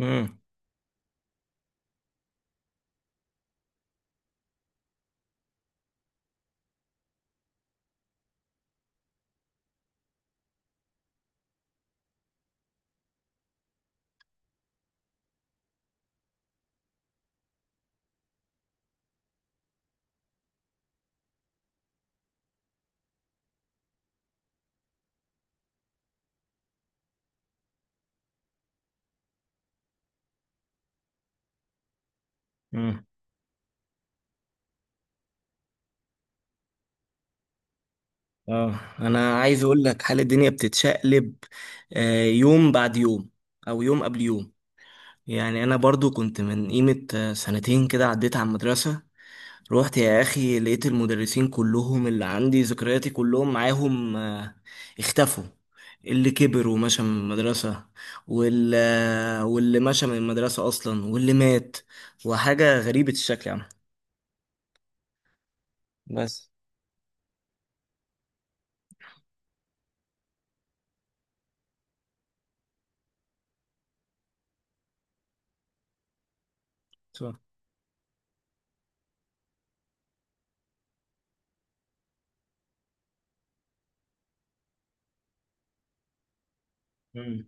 امم امم اه، انا عايز اقول لك حال الدنيا بتتشقلب يوم بعد يوم او يوم قبل يوم. يعني انا برضو كنت من قيمة 2 سنين كده عديت على المدرسة. روحت يا اخي لقيت المدرسين كلهم اللي عندي ذكرياتي كلهم معاهم، اختفوا. اللي كبر ومشى من المدرسة واللي واللي مشى من المدرسة اصلا، واللي مات. وحاجة غريبة الشكل يعني. بس. امم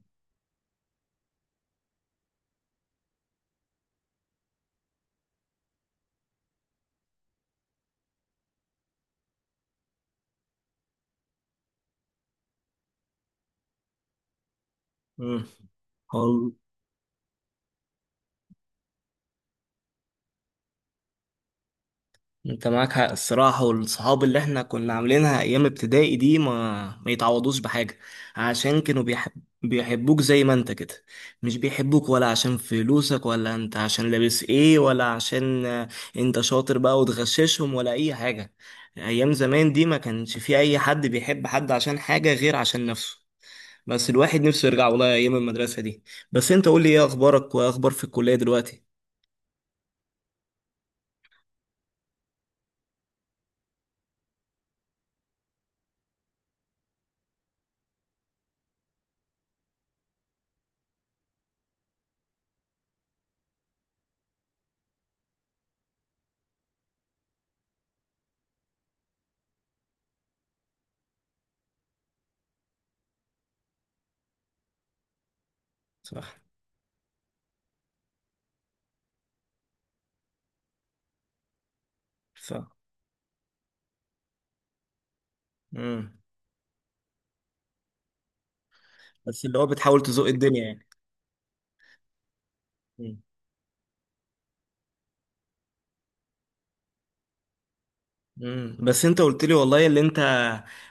امم انت معاك حق الصراحة، والصحاب اللي احنا كنا عاملينها ايام ابتدائي دي ما يتعوضوش بحاجة. عشان بيحبوك زي ما انت كده. مش بيحبوك ولا عشان فلوسك، ولا انت عشان لابس ايه، ولا عشان انت شاطر بقى وتغششهم ولا اي حاجة. ايام زمان دي ما كانش في اي حد بيحب حد عشان حاجة غير عشان نفسه. بس الواحد نفسه يرجع والله ايام المدرسة دي. بس انت قول لي، ايه اخبارك واخبار في الكلية دلوقتي؟ صح. صح. امم بس اللي هو بتحاول تزوق الدنيا يعني. مم. مم. بس انت قلت لي والله اللي انت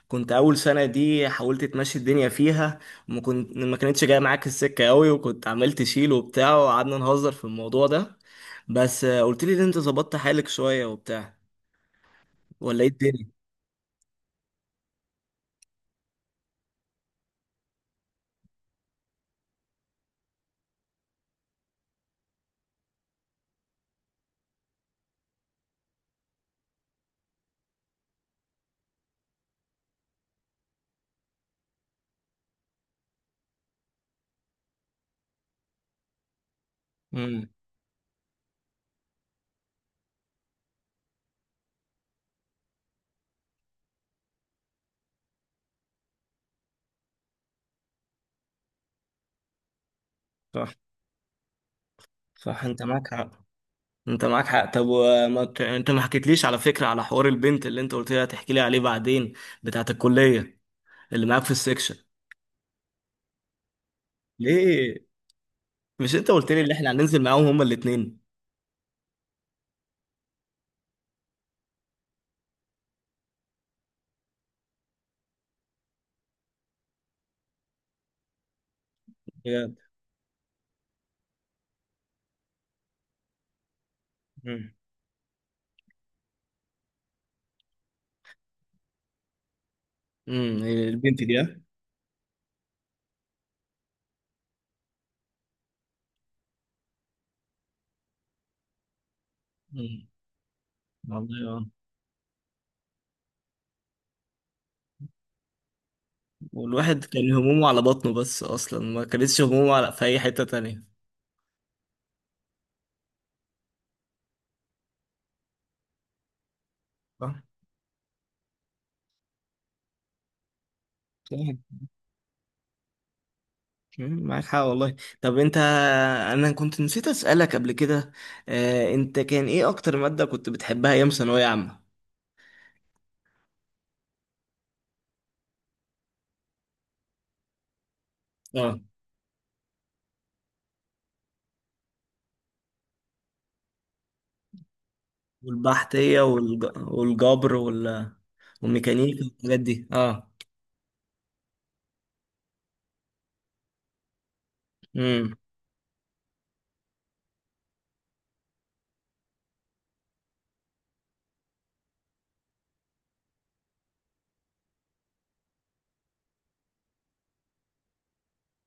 كنت اول سنه دي حاولت تمشي الدنيا فيها، وما كنت ما كانتش جايه معاك السكه قوي، وكنت عمال تشيل وبتاع وقعدنا نهزر في الموضوع ده. بس قلت لي ان انت ظبطت حالك شويه وبتاع، ولا ايه الدنيا؟ امم صح. صح، انت معاك حق. انت معاك حق. طب انت ما حكيتليش على فكره على حوار البنت اللي انت قلت لي هتحكي لي عليه بعدين، بتاعت الكليه، اللي معاك في السكشن. ليه؟ مش انت قلت لي ان احنا هننزل معاهم هما الاثنين؟ مم. مم. البنت دي ها؟ مم. والله اه. والواحد كان همومه على بطنه بس، اصلا ما كانتش همومه على في اي حته تانية. صح. صح. معاك حق والله. طب انا كنت نسيت اسالك قبل كده، انت كان ايه اكتر ماده كنت بتحبها ايام ثانويه عامه؟ اه، والجبر والميكانيكا والحاجات دي اه. امم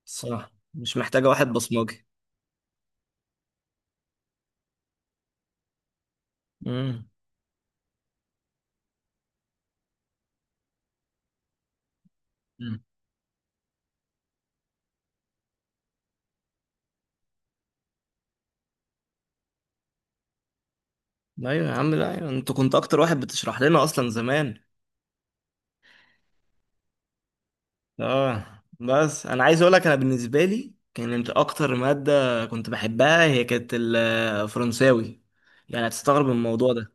صح، مش محتاجه واحد بصمجي. امم ايوه يا عم. لا ايوه، انت كنت اكتر واحد بتشرح لنا اصلا زمان. اه. بس انا عايز اقول لك، انا بالنسبه لي كانت اكتر ماده كنت بحبها هي كانت الفرنساوي. يعني هتستغرب من الموضوع ده.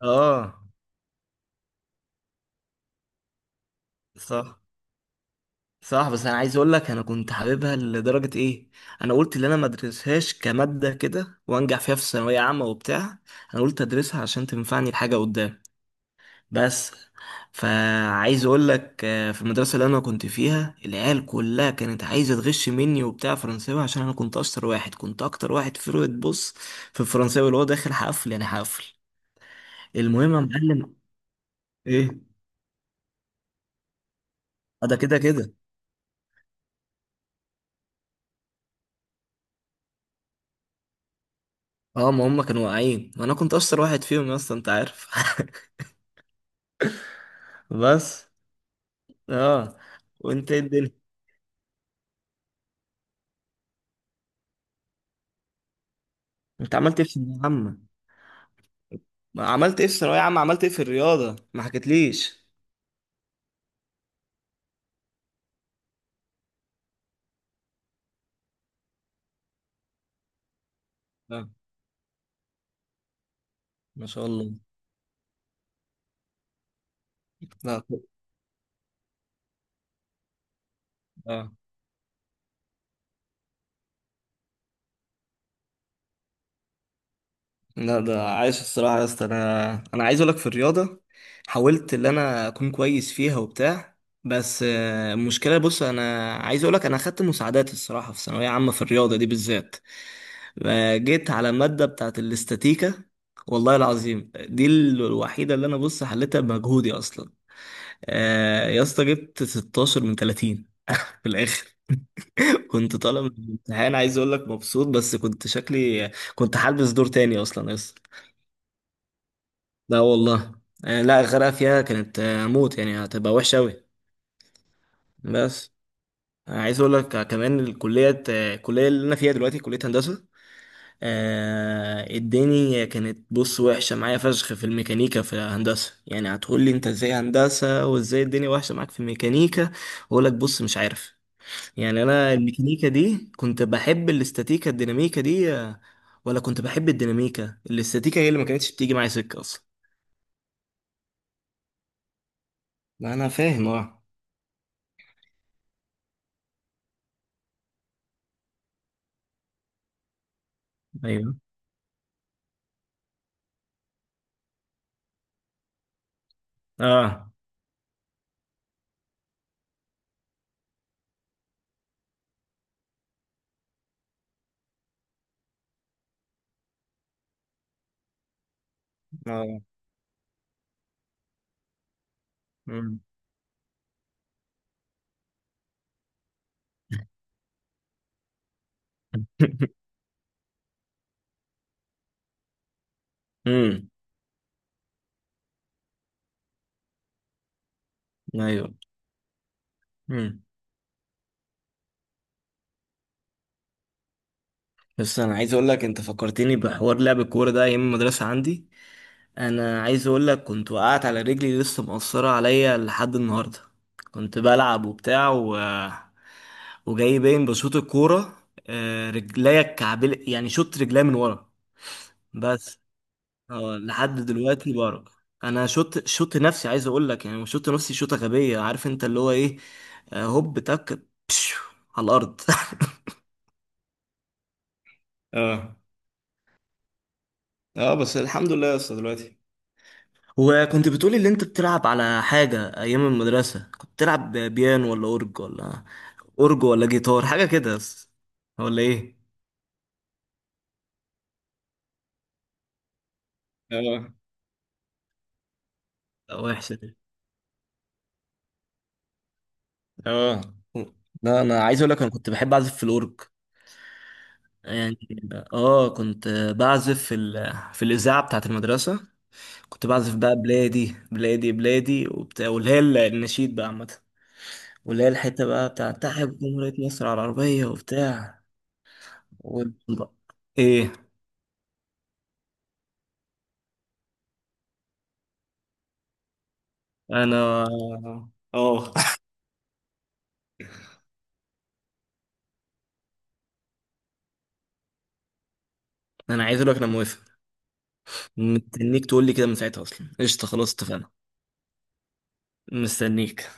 اه. صح. صح، بس انا عايز اقول لك، انا كنت حاببها لدرجه ايه. انا قلت ان انا ما ادرسهاش كماده كده وانجح فيها في ثانويه عامه وبتاع. انا قلت ادرسها عشان تنفعني لحاجه قدام. بس. فعايز اقول لك في المدرسه اللي انا كنت فيها العيال كلها كانت عايزه تغش مني وبتاع فرنساوي، عشان انا كنت اشطر واحد، كنت اكتر واحد في روت. بص، في الفرنساوي اللي هو داخل حفل، يعني حفل. المهم يا معلم، ايه ده كده كده. اه، ما هم كانوا واقعين وانا كنت اشطر واحد فيهم اصلا انت عارف. بس. اه. وانت إيه الدنيا؟ انت عملت ايه في ثانوية عامة؟ ما عملت ايه في ثانوية عامة، عملت ايه في الرياضة، ما حكيتليش؟ لا. ما شاء الله. لا. اه. لا، ده عايش الصراحة يا اسطى. انا عايز اقولك في الرياضة حاولت ان انا اكون كويس فيها وبتاع. بس المشكلة بص، انا عايز اقولك انا اخدت مساعدات الصراحة في ثانوية عامة في الرياضة دي بالذات. جيت على مادة بتاعت الاستاتيكا. والله العظيم دي الوحيدة اللي انا بص حليتها بمجهودي اصلا. يا اسطى جبت 16 من 30 في الاخر. كنت طالع من الامتحان عايز اقول لك مبسوط، بس كنت شكلي كنت حالبس دور تاني اصلا. لا والله. يعني لا، الغرقة فيها كانت موت، يعني هتبقى وحشة أوي. بس عايز أقول لك كمان الكلية، الكلية اللي أنا فيها دلوقتي كلية هندسة. الدنيا كانت بص وحشة معايا فشخ في الميكانيكا في هندسة. يعني هتقول لي أنت إزاي هندسة وإزاي الدنيا وحشة معاك في الميكانيكا؟ أقول لك بص مش عارف. يعني أنا الميكانيكا دي كنت بحب الاستاتيكا الديناميكا دي، ولا كنت بحب الديناميكا. الاستاتيكا هي اللي ما كانتش بتيجي معايا سكة أصلا. ما أنا فاهم أه. ايوه. اه. اه. مم. مم. ايوه. مم. بس انا عايز اقول لك انت فكرتني بحوار لعب الكوره ده ايام المدرسه عندي. انا عايز اقول لك كنت وقعت على رجلي لسه مقصره عليا لحد النهارده. كنت بلعب وبتاع وجاي باين بشوط الكوره. رجليا الكعبل، يعني شوط رجليا من ورا. بس. اه، لحد دلوقتي بارك. انا شوت نفسي، عايز اقول لك يعني شوت نفسي شوطه غبيه، عارف انت اللي هو ايه، هوب تك، بشو على الارض. اه. اه بس الحمد لله يا اسطى دلوقتي. وكنت بتقولي اللي انت بتلعب على حاجه ايام المدرسه، كنت بتلعب بيانو ولا اورج ولا جيتار، حاجه كده بس، ولا ايه؟ اه. لا، وحشه دي. اه. لا، انا عايز اقول لك انا كنت بحب اعزف في الاورج يعني. اه، كنت بعزف في الاذاعه بتاعه المدرسه. كنت بعزف بقى بلادي بلادي بلادي وبتاع، واللي هي النشيد بقى عامه، واللي هي الحته بقى بتاع تحيا جمهوريه مصر على العربيه وبتاع و... ايه انا اه. انا عايز اقول لك انا موافق. مستنيك تقول لي كده من ساعتها اصلا. قشطه خلاص اتفقنا. مستنيك.